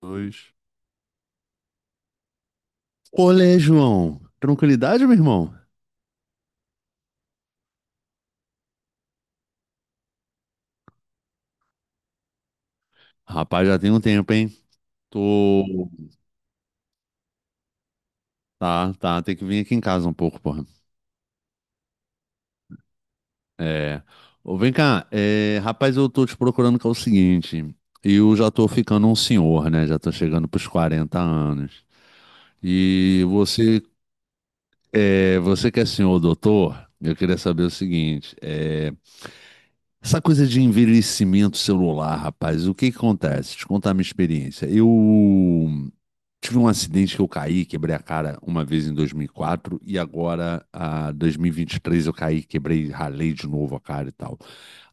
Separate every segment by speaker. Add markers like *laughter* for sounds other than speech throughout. Speaker 1: Dois. Olê, João. Tranquilidade, meu irmão? Rapaz, já tem um tempo, hein? Tô. Tá, tá. Tem que vir aqui em casa um pouco, porra. É. Ô, vem cá. Rapaz, eu tô te procurando que é o seguinte. Eu já tô ficando um senhor, né? Já tô chegando pros 40 anos. E você, você que é senhor doutor, eu queria saber o seguinte. Essa coisa de envelhecimento celular, rapaz, o que que acontece? Te contar a minha experiência. Eu. Tive um acidente que eu caí, quebrei a cara uma vez em 2004 e quatro e agora, a 2023, eu caí, quebrei, ralei de novo a cara e tal.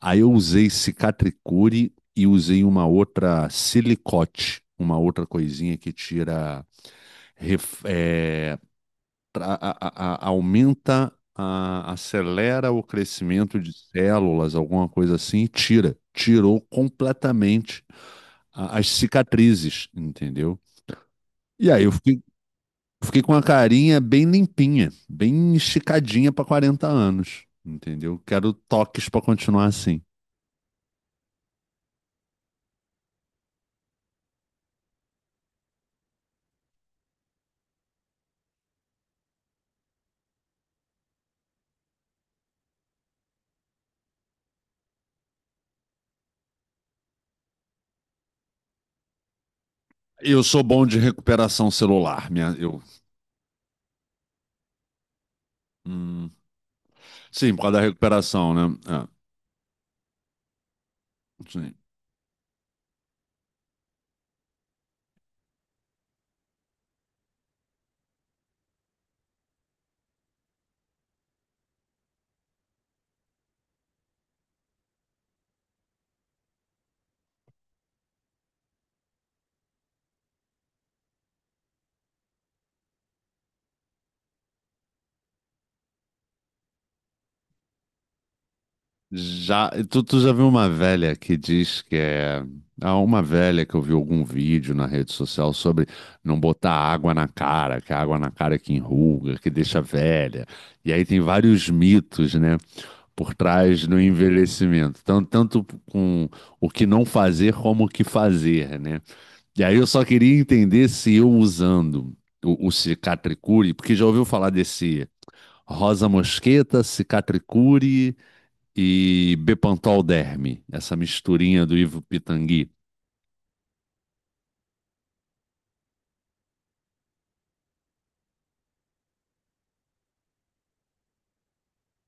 Speaker 1: Aí eu usei cicatricure e usei uma outra silicote, uma outra coisinha que tira, ref- é, aumenta, acelera o crescimento de células, alguma coisa assim, e tira. Tirou completamente as cicatrizes, entendeu? E aí eu fiquei Fiquei com uma carinha bem limpinha, bem esticadinha para 40 anos, entendeu? Quero toques para continuar assim. Eu sou bom de recuperação celular, hum, sim, por causa da recuperação, né? Ah, sim. Já, tu já viu uma velha que diz que é, há uma velha que eu vi algum vídeo na rede social sobre não botar água na cara, que a água na cara é que enruga, que deixa velha. E aí tem vários mitos, né? Por trás do envelhecimento, tanto, tanto com o que não fazer como o que fazer, né? E aí eu só queria entender se eu usando o cicatricure, porque já ouviu falar desse rosa mosqueta, cicatricure e bepantol derme, essa misturinha do Ivo Pitangui.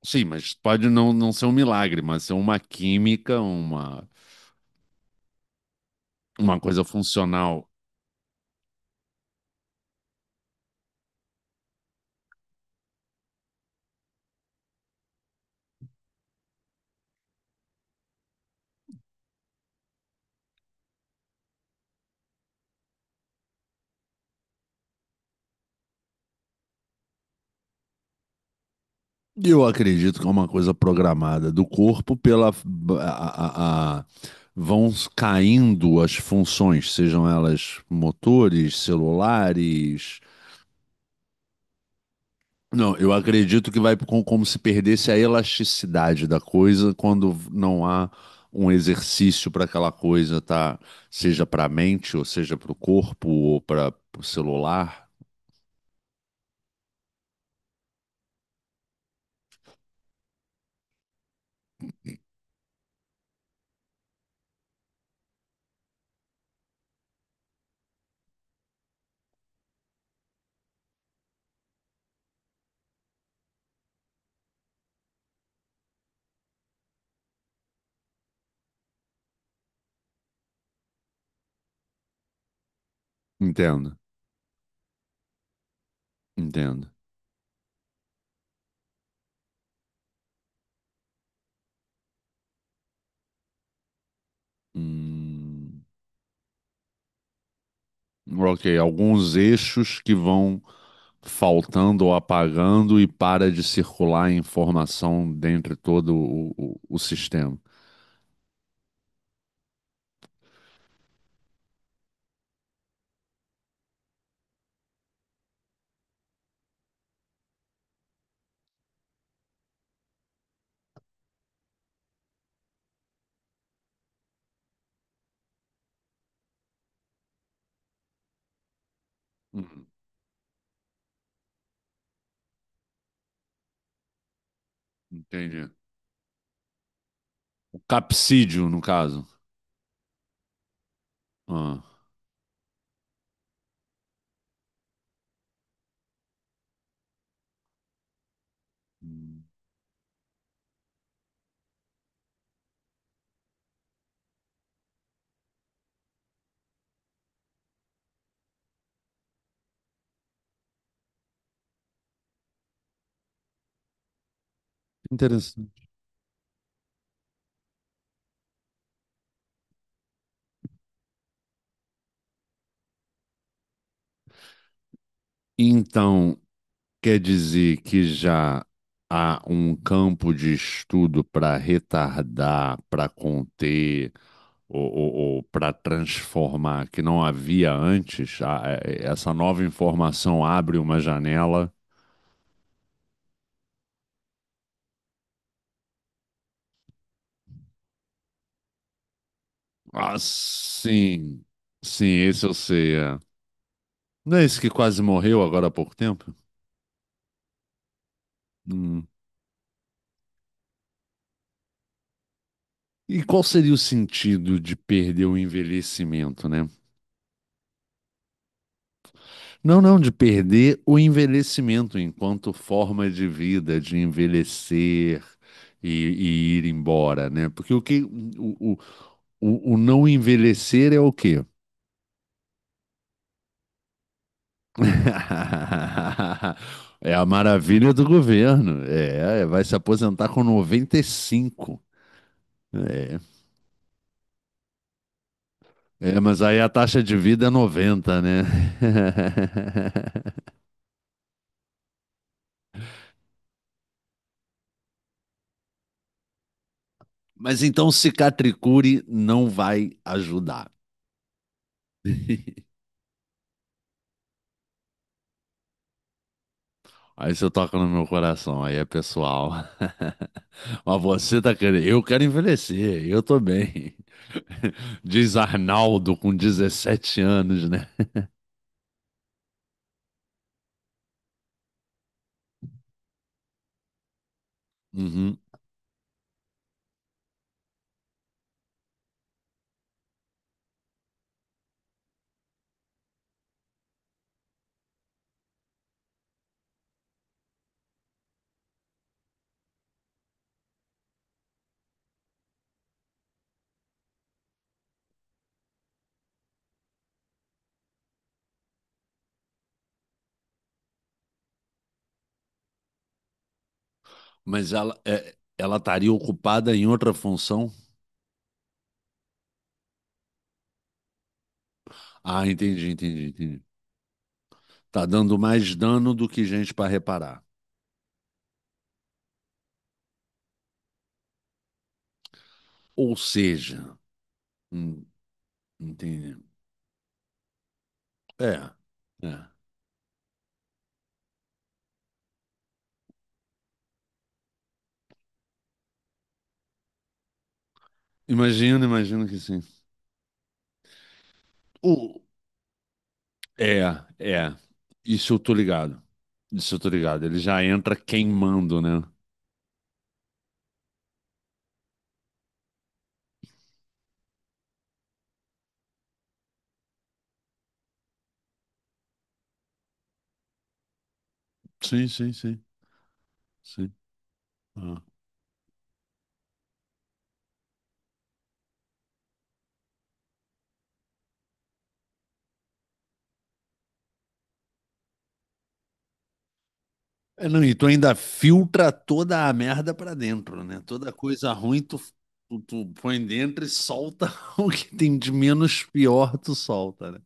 Speaker 1: Sim, mas pode não ser um milagre, mas ser uma química, uma coisa funcional. Eu acredito que é uma coisa programada do corpo pela a- vão caindo as funções, sejam elas motores, celulares. Não, eu acredito que vai como se perdesse a elasticidade da coisa quando não há um exercício para aquela coisa, tá? Seja para a mente, ou seja para o corpo, ou para o celular. Entendo, entendo. Hum, ok, alguns eixos que vão faltando ou apagando e para de circular a informação dentro de todo o sistema. Uhum. Entendi. O capsídio, no caso. Ah. hum, Interessante. Então, quer dizer que já há um campo de estudo para retardar, para conter, ou para transformar que não havia antes? Ah, essa nova informação abre uma janela. Ah, sim. Sim, esse eu sei. É. Não é esse que quase morreu agora há pouco tempo? Hum. E qual seria o sentido de perder o envelhecimento, né? Não, não, de perder o envelhecimento enquanto forma de vida, de envelhecer e ir embora, né? Porque o que o, o, o não envelhecer é o quê? *laughs* É a maravilha do governo. É, vai se aposentar com 95. É. É, mas aí a taxa de vida é 90, né? *laughs* Mas então cicatricure não vai ajudar. *laughs* Aí você toca no meu coração, aí é pessoal. *laughs* Mas você tá querendo, eu quero envelhecer, eu tô bem. *laughs* Diz Arnaldo com 17 anos, né? *laughs* Uhum. Mas ela estaria ocupada em outra função? Ah, entendi, entendi, entendi. Tá dando mais dano do que gente para reparar. Ou seja, Hum, entendi. É, é. Imagino, imagino que sim. O... É, é. Isso eu tô ligado. Isso eu tô ligado. Ele já entra queimando, né? Sim, sim, sim. Sim. Ah. É, não, e tu ainda filtra toda a merda pra dentro, né? Toda coisa ruim tu, tu põe dentro e solta *laughs* o que tem de menos pior, tu solta, né?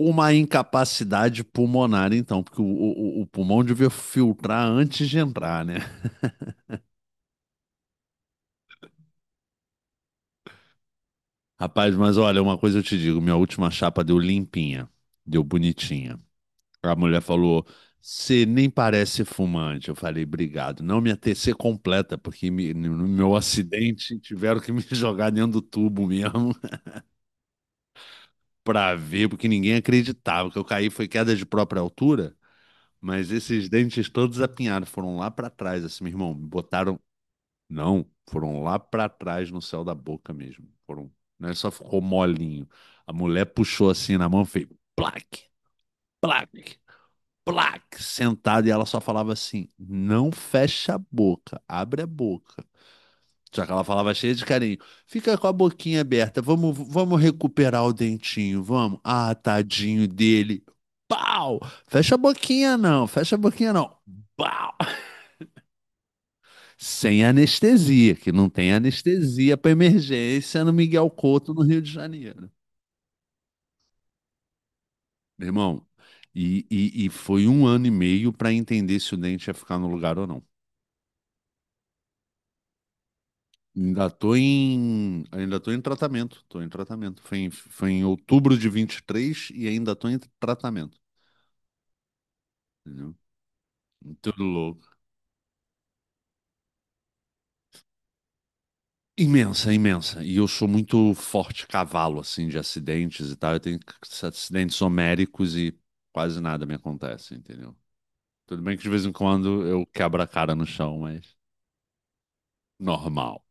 Speaker 1: Uma incapacidade pulmonar, então, porque o pulmão devia filtrar antes de entrar, né? Rapaz, mas olha, uma coisa eu te digo, minha última chapa deu limpinha, deu bonitinha. A mulher falou, você nem parece fumante. Eu falei, obrigado. Não, minha TC completa, porque no meu acidente tiveram que me *laughs* jogar dentro do tubo mesmo *laughs* pra ver, porque ninguém acreditava. O que eu caí foi queda de própria altura, mas esses dentes todos apinhados, foram lá pra trás, assim, meu irmão, botaram. Não, foram lá para trás no céu da boca mesmo. Foram, não é só ficou molinho. A mulher puxou assim na mão e fez plaque, plaque, plaque, sentada e ela só falava assim: "Não fecha a boca, abre a boca". Só que ela falava cheia de carinho. Fica com a boquinha aberta. Vamos, vamos recuperar o dentinho, vamos. Ah, tadinho dele. Pau! Fecha a boquinha não, fecha a boquinha não. Pau! Sem anestesia, que não tem anestesia para emergência no Miguel Couto, no Rio de Janeiro. Meu irmão, e foi um ano e meio para entender se o dente ia ficar no lugar ou não. Ainda tô em tratamento, tô em tratamento. Foi em outubro de 23 e ainda tô em tratamento. Entendeu? Tudo louco. Imensa, imensa. E eu sou muito forte cavalo, assim, de acidentes e tal. Eu tenho acidentes homéricos e quase nada me acontece, entendeu? Tudo bem que de vez em quando eu quebro a cara no chão, mas normal.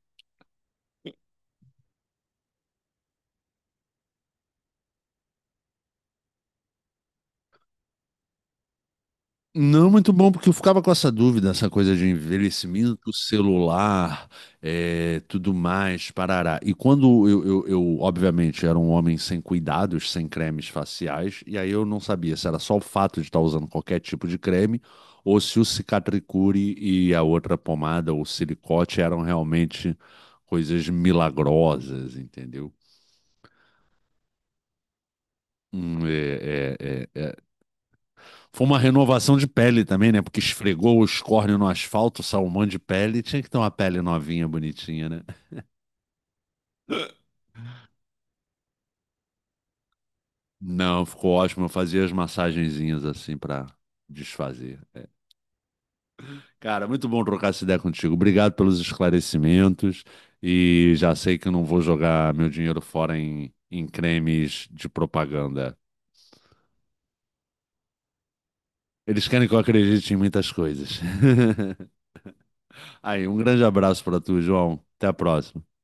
Speaker 1: Não, muito bom, porque eu ficava com essa dúvida, essa coisa de envelhecimento celular, é, tudo mais, parará. E quando eu, obviamente, era um homem sem cuidados, sem cremes faciais, e aí eu não sabia se era só o fato de estar usando qualquer tipo de creme, ou se o Cicatricure e a outra pomada, ou silicote, eram realmente coisas milagrosas, entendeu? Hum. Foi uma renovação de pele também, né? Porque esfregou o escórnio no asfalto, salmão de pele. Tinha que ter uma pele novinha, bonitinha, né? Não, ficou ótimo. Eu fazia as massagenzinhas assim pra desfazer. Cara, muito bom trocar essa ideia contigo. Obrigado pelos esclarecimentos. E já sei que eu não vou jogar meu dinheiro fora em cremes de propaganda. Eles querem que eu acredite em muitas coisas. *laughs* Aí, um grande abraço pra tu, João. Até a próxima.